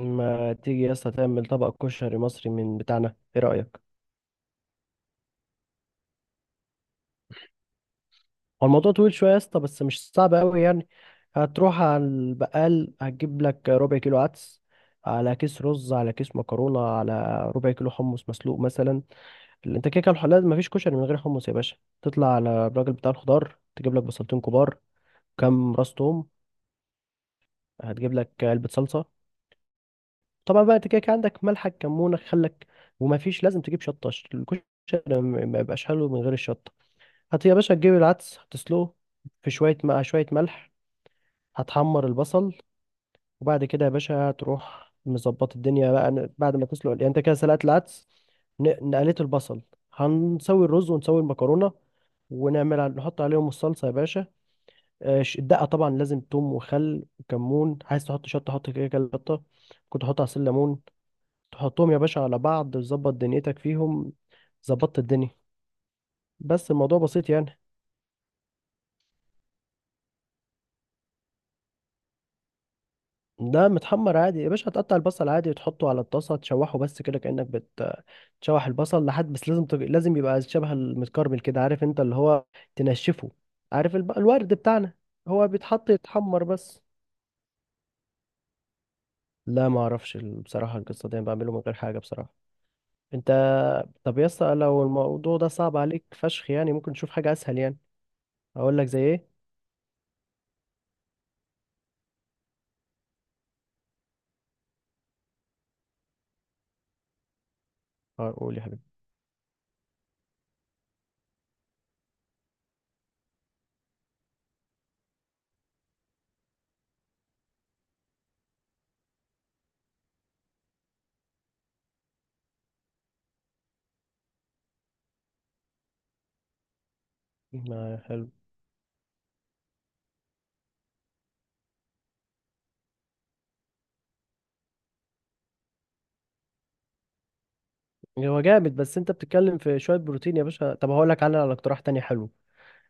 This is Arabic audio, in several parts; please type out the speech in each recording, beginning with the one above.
ما تيجي يا اسطى تعمل طبق كشري مصري من بتاعنا؟ ايه رأيك؟ هو الموضوع طويل شوية يا اسطى، بس مش صعب قوي يعني. هتروح على البقال، هتجيب لك ربع كيلو عدس، على كيس رز، على كيس مكرونة، على ربع كيلو حمص مسلوق مثلا. انت كده كده الحلال، مفيش كشري من غير حمص يا باشا. تطلع على الراجل بتاع الخضار، تجيب لك بصلتين كبار، كام راس توم، هتجيب لك علبة صلصة. طبعا بقى انت كده كده عندك ملحك، كمونك، خلك. ومفيش، لازم تجيب شطة، الكشري ما يبقاش حلو من غير الشطة. يا باشا تجيب العدس، هتسلقه في شوية، مع شوية ملح. هتحمر البصل. وبعد كده يا باشا هتروح مظبط الدنيا بقى، بعد ما تسلق يعني، انت كده سلقت العدس، نقلت البصل. هنسوي الرز ونسوي المكرونة. ونعمل نحط عليهم الصلصة يا باشا. الدقة طبعا لازم توم وخل وكمون، عايز تحط شطة حط كده كده شطة، كنت تحط عصير ليمون، تحطهم يا باشا على بعض، تظبط دنيتك فيهم. ظبطت الدنيا. بس الموضوع بسيط يعني. ده متحمر عادي يا باشا، هتقطع البصل عادي وتحطه على الطاسة، تشوحه بس كده كأنك بتشوح البصل لحد، بس لازم يبقى شبه المتكرمل كده، عارف انت اللي هو تنشفه. عارف الورد بتاعنا. هو بيتحط يتحمر بس. لا ما اعرفش بصراحة، القصة دي انا بعمله من غير حاجة بصراحة. انت. طب يا اسطى لو الموضوع ده صعب عليك فشخ يعني، ممكن نشوف حاجة اسهل يعني. اقول لك زي ايه؟ اه قول يا حبيبي. ما حلو. هو جامد، بس انت بتتكلم في شوية بروتين يا باشا. طب هقول لك على اقتراح تاني حلو.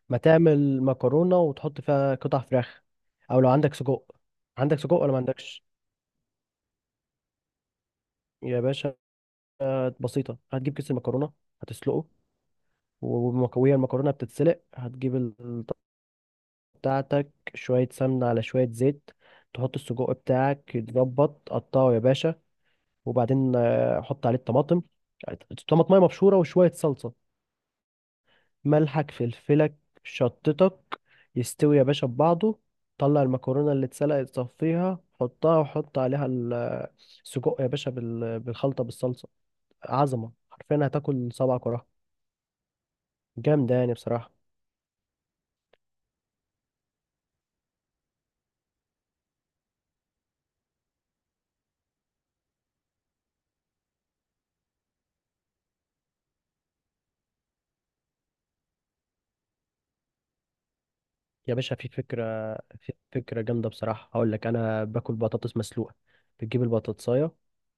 ما تعمل مكرونة وتحط فيها قطع فراخ، او لو عندك سجق. عندك سجق ولا ما عندكش؟ يا باشا، بسيطة، هتجيب كيس المكرونة، هتسلقه. وهي المكرونة بتتسلق، هتجيب الطاسة بتاعتك، شوية سمنة على شوية زيت. تحط السجق بتاعك يتظبط، قطعه يا باشا. وبعدين حط عليه الطماطم، طماطمية مبشورة وشوية صلصة، ملحك، فلفلك، شطتك، يستوي يا باشا ببعضه. طلع المكرونة اللي اتسلقت، صفيها، حطها وحط عليها السجق يا باشا بالخلطة بالصلصة. عظمة، حرفيا هتاكل صبعك وراها. جامدة يعني بصراحة. يا باشا في فكرة جامدة بصراحة، هقول لك أنا باكل بطاطس مسلوقة. بتجيب البطاطساية،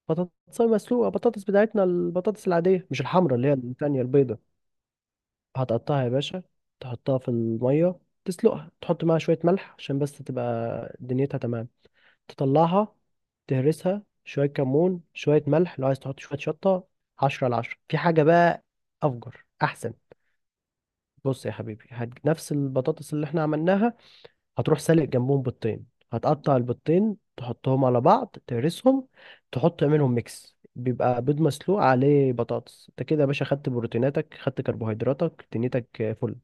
بطاطساية مسلوقة، بطاطس بتاعتنا، البطاطس العادية مش الحمراء، اللي هي التانية البيضة. هتقطعها يا باشا، تحطها في المية، تسلقها، تحط معاها شوية ملح عشان بس تبقى دنيتها تمام. تطلعها، تهرسها، شوية كمون، شوية ملح، لو عايز تحط شوية شطة. عشرة على عشرة في حاجة بقى. أفجر أحسن. بص يا حبيبي، نفس البطاطس اللي احنا عملناها، هتروح سالق جنبهم بيضتين، هتقطع البيضتين، تحطهم على بعض، تهرسهم، تحط، تعملهم ميكس، بيبقى بيض مسلوق عليه بطاطس. انت كده يا باشا خدت بروتيناتك، خدت كربوهيدراتك، دنيتك فل.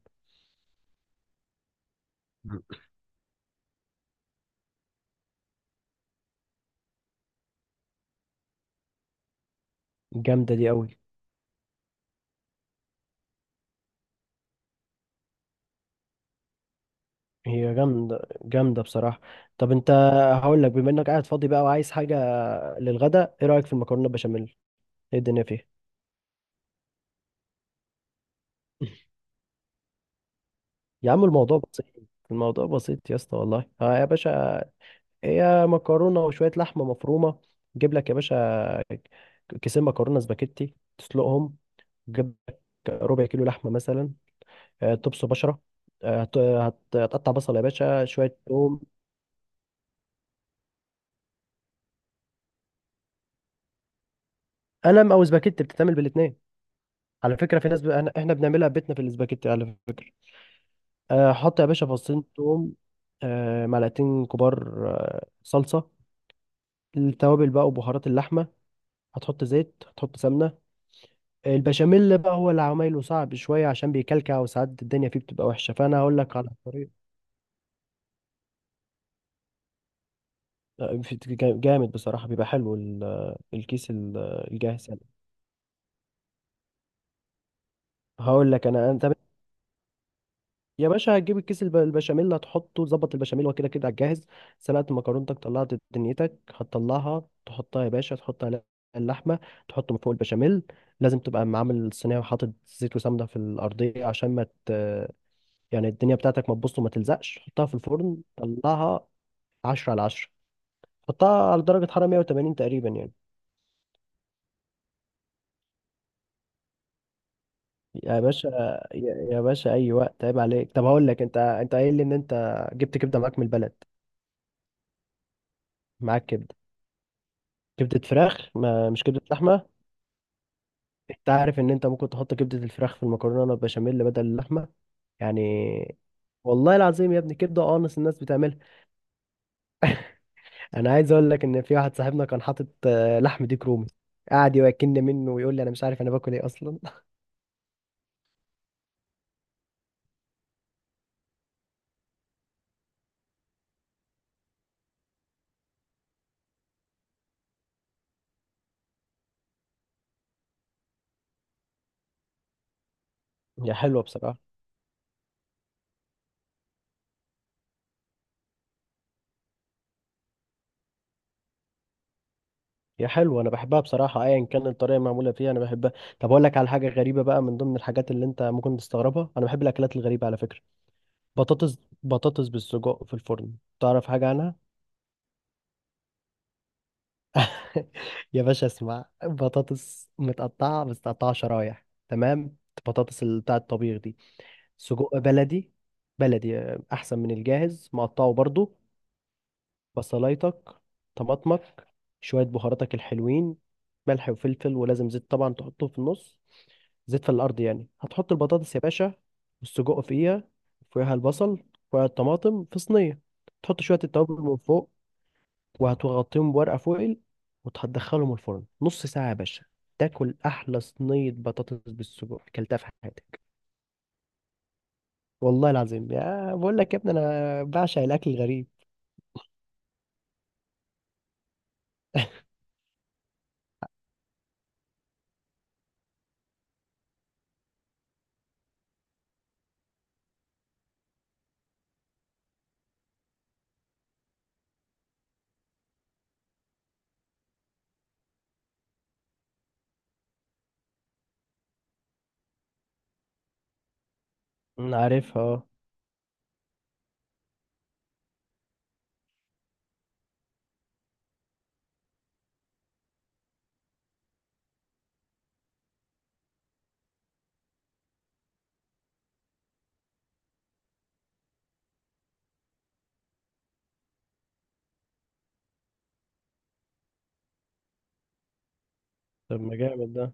جامدة دي قوي. هي جامدة جامدة بصراحة. طب انت، هقول لك، بما انك قاعد فاضي بقى وعايز حاجة للغدا، ايه رأيك في المكرونة بشاميل؟ ايه الدنيا فيها؟ يا عم الموضوع بسيط. الموضوع بسيط يا اسطى والله، ها يا باشا. هي مكرونة وشوية لحمة مفرومة. جيب لك يا باشا كيسين مكرونة سباكيتي، تسلقهم. جيب لك ربع كيلو لحمة مثلا. تبص بشرة. هتقطع بصل يا باشا، شوية توم. قلم او سباكيتي بتتعمل بالاتنين. على فكرة في ناس احنا بنعملها بيتنا في الاسباجيتي على فكرة. حط يا باشا فصين توم، معلقتين كبار، صلصة، التوابل بقى وبهارات اللحمة. هتحط زيت، هتحط سمنة. البشاميل بقى هو اللي عمايله صعب شوية عشان بيكلكع وساعات الدنيا فيه بتبقى وحشة، فأنا هقول لك على طريقة. جامد بصراحة بيبقى حلو الكيس الجاهز يعني. هقول لك أنا، أنت يا باشا هتجيب الكيس البشاميل، هتحطه، ظبط البشاميل هو كده كده على الجاهز. سلقت مكرونتك، طلعت دنيتك، هتطلعها تحطها يا باشا، تحط عليها اللحمة، تحط من فوق البشاميل. لازم تبقى معامل الصينية وحاطط زيت وسمنة في الأرضية عشان ما ت... يعني الدنيا بتاعتك ما تبص وما تلزقش. حطها في الفرن، طلعها. عشرة على عشرة. حطها على درجة حرارة 180 تقريبا يعني. يا باشا، يا باشا أي وقت عيب عليك. طب هقول لك أنت قايل لي إن أنت جبت كبدة معاك من البلد. معاك كبدة، كبدة فراخ، ما مش كبدة لحمة. انت عارف ان انت ممكن تحط كبدة الفراخ في المكرونة بشاميل بدل اللحمة يعني. والله العظيم يا ابني، كبدة قانص الناس بتعملها. انا عايز اقول لك ان في واحد صاحبنا كان حاطط لحم ديك رومي، قعد يوكلني منه ويقول لي انا مش عارف انا باكل ايه اصلا. يا حلوة بصراحة. يا حلوة، انا بحبها بصراحة، ايا كان الطريقة المعمولة فيها انا بحبها. طب اقول لك على حاجة غريبة بقى، من ضمن الحاجات اللي انت ممكن تستغربها، انا بحب الاكلات الغريبة على فكرة. بطاطس بطاطس بالسجق في الفرن. تعرف حاجة عنها؟ يا باشا اسمع، بطاطس متقطعة، بس متقطعة شرايح، تمام، البطاطس اللي بتاع الطبيخ دي. سجق بلدي، بلدي أحسن من الجاهز، مقطعه برضو. بصلايتك، طماطمك، شوية بهاراتك الحلوين، ملح وفلفل، ولازم زيت طبعا تحطه في النص. زيت في الأرض يعني، هتحط البطاطس يا باشا، والسجق فيها، فوقها البصل، فوقها الطماطم في صينية، تحط شوية التوابل من فوق، وهتغطيهم بورقة فويل، وتدخلهم الفرن نص ساعة يا باشا. تاكل أحلى صينية بطاطس بالسجق أكلتها في حياتك. والله العظيم. يا بقول لك يا ابني، أنا بعشق الأكل الغريب. أنا عارفها أه. طب ما جامد ده.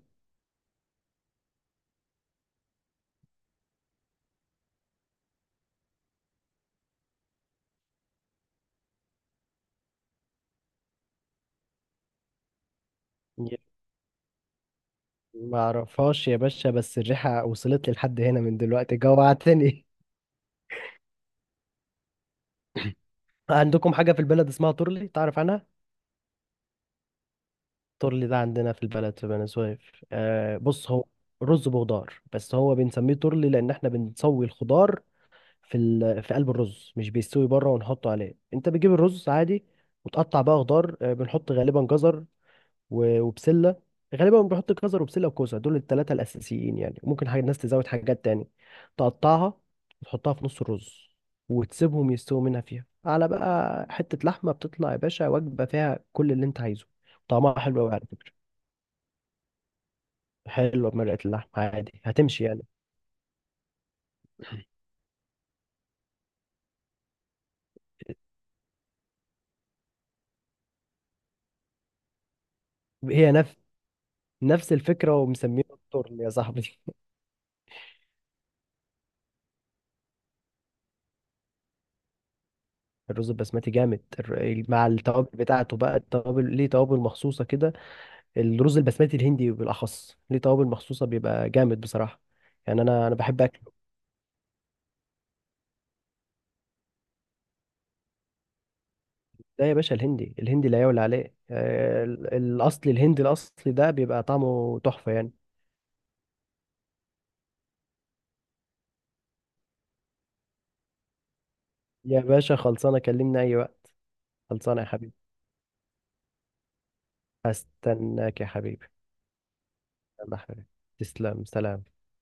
يا- ما أعرفهاش يا باشا، بس الريحة وصلت لي لحد هنا من دلوقتي، جوعتني. عندكم حاجة في البلد اسمها تورلي، تعرف عنها؟ تورلي ده عندنا في البلد في بني سويف، بص هو رز بخضار، بس هو بنسميه تورلي، لأن احنا بنسوي الخضار في قلب الرز، مش بيستوي بره ونحطه عليه. انت بتجيب الرز عادي، وتقطع بقى خضار، بنحط غالبا جزر وبسله. غالبا بنحط جزر وبسله وكوسه، دول الثلاثه الاساسيين يعني، ممكن حاجه الناس تزود حاجات تاني. تقطعها، وتحطها في نص الرز، وتسيبهم يستووا، منها فيها على بقى حته لحمه، بتطلع يا باشا وجبه فيها كل اللي انت عايزه. طعمها حلو قوي على فكره. حلوه بمرقه اللحمه عادي، هتمشي يعني. هي نفس الفكره ومسمينها التورلي يا صاحبي. الرز البسمتي جامد، مع التوابل بتاعته بقى، التوابل ليه توابل مخصوصة كده. الرز البسمتي الهندي بالأخص ليه توابل مخصوصة، بيبقى جامد بصراحة. يعني أنا بحب أكله. ده يا باشا، الهندي الهندي لا يعلى عليه، الأصلي الهندي الأصلي ده بيبقى طعمه تحفة يعني. يا باشا، خلصانة، كلمني أي وقت. خلصانة يا حبيبي. هستناك يا حبيبي. يلا يا حبيبي، تسلم، سلام.